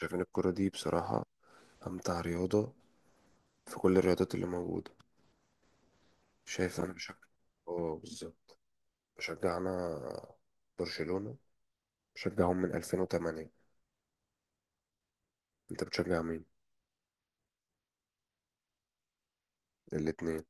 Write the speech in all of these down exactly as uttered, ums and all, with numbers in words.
شايف ان الكرة دي بصراحة، امتع رياضة في كل الرياضات اللي موجودة. شايف انا بشجع. اه، بالظبط. بشجع انا برشلونة، بشجعهم من ألفين وثمانية. انت بتشجع مين؟ الاتنين.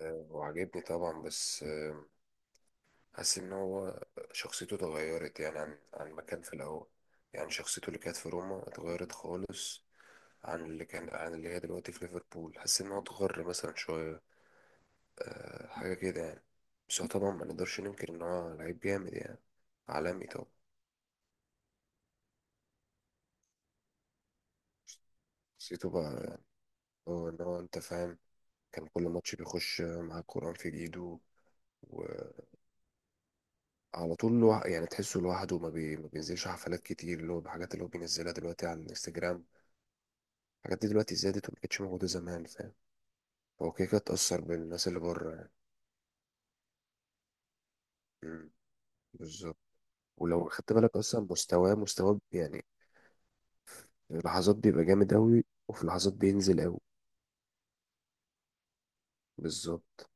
آه، وعجبني طبعا، بس آه، حاسس ان هو شخصيته اتغيرت يعني عن عن ما كان في الاول. يعني شخصيته اللي كانت في روما اتغيرت خالص عن اللي كان، عن اللي هي دلوقتي في ليفربول. حاسس ان هو اتغر مثلا شوية، آه، حاجة كده يعني. بس هو طبعا ما نقدرش ننكر إن هو لعيب جامد يعني، عالمي طبعا. شخصيته بقى يعني، هو إن هو، أنت فاهم، كان كل ماتش بيخش مع القرآن في إيده وعلى طول. لوح... يعني تحسه لوحده. ما, بي... ما بينزلش حفلات كتير اللي هو بحاجات اللي هو بينزلها دلوقتي على الانستجرام. الحاجات دي دلوقتي زادت وما كانتش موجودة زمان، فاهم. هو كده كده اتأثر بالناس اللي بره يعني. مم، بالظبط. ولو خدت بالك أصلا، مستواه مستواه يعني، في لحظات بيبقى جامد أوي وفي لحظات بينزل أوي. بالظبط.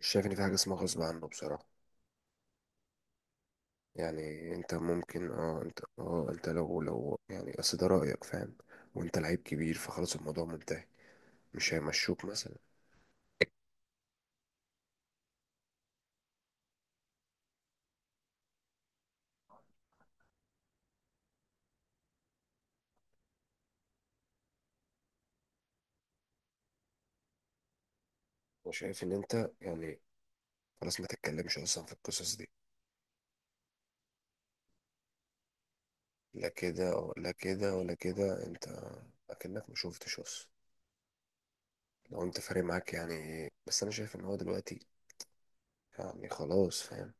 مش شايف ان في حاجه اسمها غصب عنه بصراحه. يعني انت ممكن، اه انت اه انت لو لو يعني، اصل ده رايك، فاهم، وانت لعيب كبير فخلاص الموضوع منتهي. مش هيمشوك مثلا. انا شايف ان انت يعني خلاص ما تتكلمش اصلا في القصص دي. لا كده لا كده ولا كده، انت اكنك ما شفتش اصلا. لو انت فارق معاك يعني. بس انا شايف ان هو دلوقتي يعني خلاص، فاهم،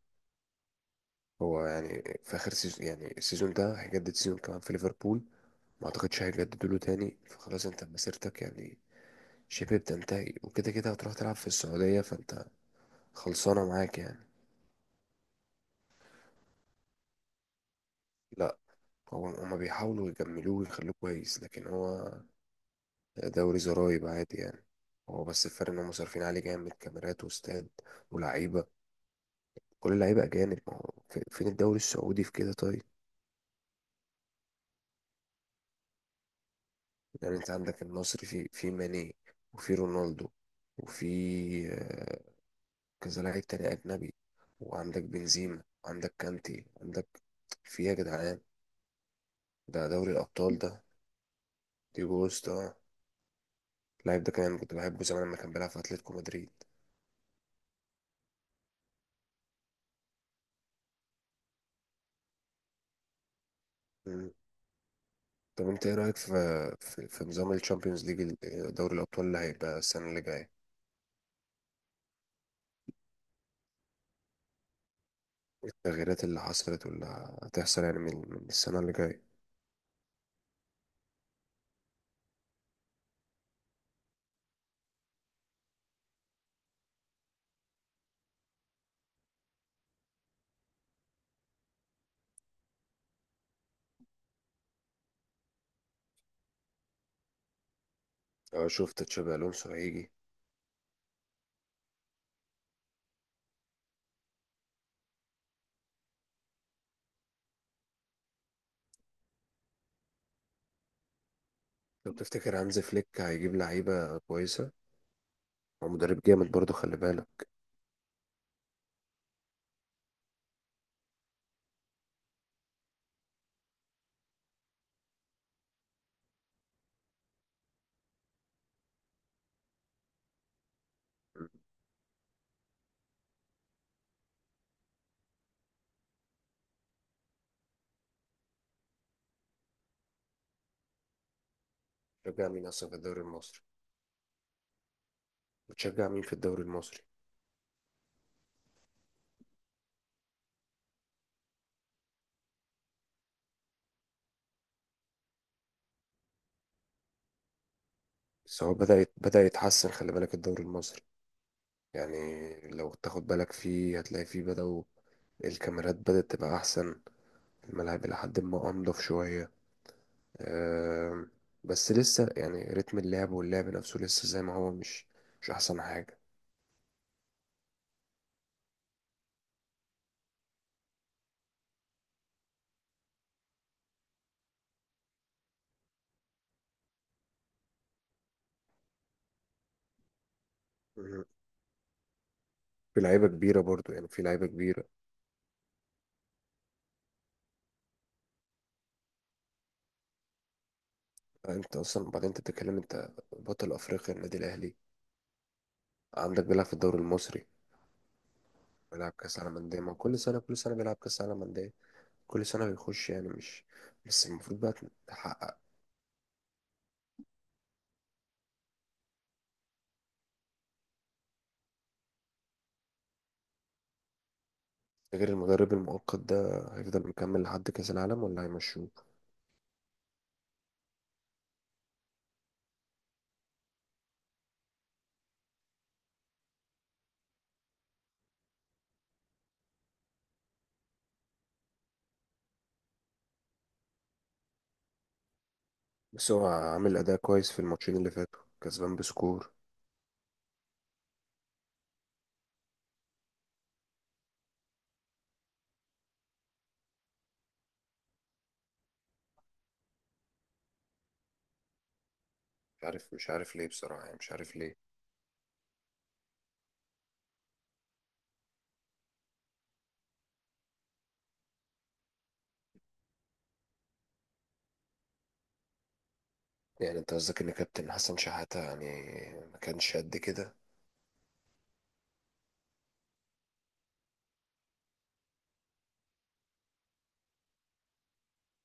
هو يعني في اخر سيزون. يعني السيزون ده هيجدد سيزون كمان في ليفربول، ما اعتقدش هيجددوا له تاني، فخلاص انت مسيرتك يعني شبه بتنتهي. وكده كده هتروح تلعب في السعودية فانت خلصانة معاك يعني. لا. هو هما بيحاولوا يجملوه ويخلوه كويس، لكن هو دوري زرايب عادي يعني. هو بس الفرق ان هم صارفين عليه جامد كاميرات واستاد ولعيبة. كل اللعيبة أجانب. ما هو في- فين الدوري السعودي في كده؟ طيب. يعني انت عندك النصر، في في ماني وفي رونالدو وفي كذا لعيب تاني أجنبي. وعندك بنزيما وعندك كانتي، عندك في إيه يا جدعان؟ ده دوري الأبطال ده. ديجو كوستا، اللاعب ده كمان كنت بحبه زمان لما كان بيلعب في أتلتيكو مدريد. مم. طب أنت إيه رأيك في في, في نظام الشامبيونز ليج، دوري الأبطال اللي هيبقى السنة اللي جاية؟ التغييرات اللي حصلت واللي هتحصل يعني من, من السنة اللي جاية. أه، شفت تشابي ألونسو هيجي. طب تفتكر هانز فليك هيجيب لعيبة كويسة؟ هو مدرب جامد برضه، خلي بالك. مم. شجع مين أصلا في الدوري المصري؟ بتشجع مين في الدوري المصري؟ بس هو بدأ يت- بدأ يتحسن، خلي بالك. الدوري المصري يعني، لو تاخد بالك فيه هتلاقي فيه بدأوا. الكاميرات بدأت تبقى أحسن، الملاعب إلى حد ما أنضف شوية. أم، بس لسه يعني رتم اللعب واللعب نفسه لسه زي ما هو، مش مش أحسن حاجة. مم. في لعيبة كبيرة برضو، يعني في لعيبة كبيرة. أنت أصلا بعدين، أنت بتتكلم، أنت بطل أفريقيا النادي الأهلي عندك بيلعب في الدوري المصري. بيلعب كأس عالم أندية. ما هو كل سنة، كل سنة بيلعب كأس عالم أندية. كل سنة بيخش يعني، مش بس المفروض بقى تحقق. غير المدرب المؤقت ده هيفضل مكمل لحد كأس العالم ولا هيمشوه؟ بس هو عامل أداء كويس في الماتشين اللي فاتوا، كسبان بسكور. مش عارف، مش عارف ليه بصراحة، يعني مش عارف ليه. يعني انت قصدك ان كابتن حسن شحاتة يعني ما كانش قد كده؟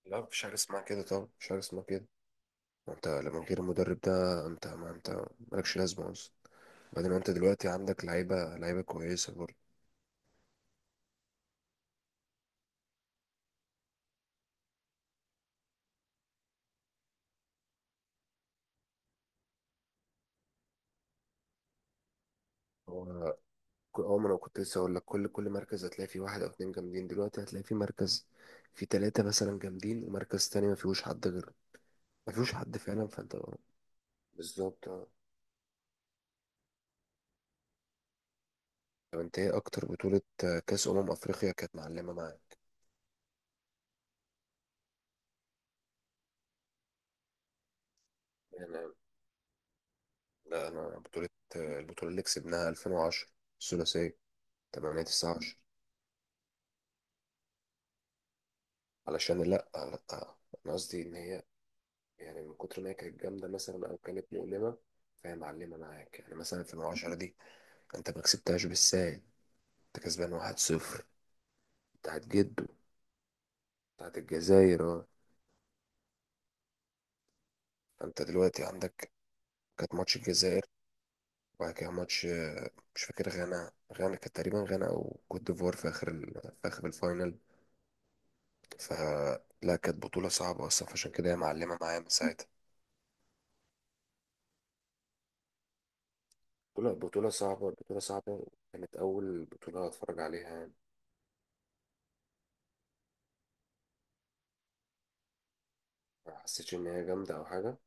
لا، مفيش حاجة اسمها كده طبعا، مفيش حاجة اسمها كده. ما انت لما غير المدرب ده، انت، ما انت مالكش لازمة اصلا. بعدين انت دلوقتي عندك لعيبة، لعيبة كويسة برضه. هو ك- اه ما انا كنت لسه هقول لك، كل كل مركز هتلاقي فيه واحد او اتنين جامدين. دلوقتي هتلاقي فيه مركز فيه تلاتة مثلا جامدين، ومركز تاني ما فيهوش حد غير. ما فيهوش حد فعلا. فانت بالظبط، اه. طب انت ايه اكتر بطولة، آه، كاس امم افريقيا، كانت معلمة معاك يعني؟ لا، انا بطولة، آه، البطولة اللي كسبناها ألفين وعشرة، الثلاثية. تمانية تسعة عشر. علشان، لا، لا، انا قصدي ان هي، يعني من كتر ما هي كانت جامدة مثلا او كانت مؤلمة فهي معلمة معاك يعني. مثلا ألفين وعشرة دي، انت ما كسبتهاش بالساهل. انت كسبان واحد صفر، بتاعت جده، بتاعت الجزائر اه. فانت دلوقتي عندك، كانت ماتش الجزائر، وبعد كده ماتش، آه، مش فاكر، غانا غانا كانت تقريبا، غانا او كوت ديفوار، في اخر ال... في اخر الفاينل. فلا، كانت بطولة صعبة اصلا، فعشان كده هي معلمة معايا من ساعتها. بطولة، بطولة صعبة، بطولة صعبة. كانت أول بطولة أتفرج عليها يعني، ما حسيتش إن هي جامدة أو حاجة.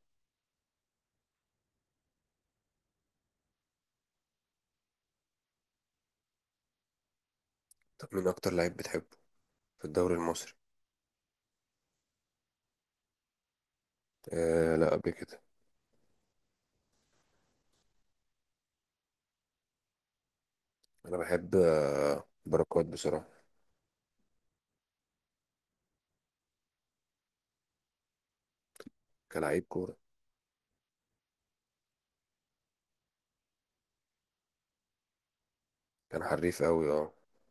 طب مين أكتر لعيب بتحبه في الدوري المصري؟ آه، لا، قبل كده. أنا بحب، آه، بركات بصراحة. كلاعب كورة. كان حريف قوي اه.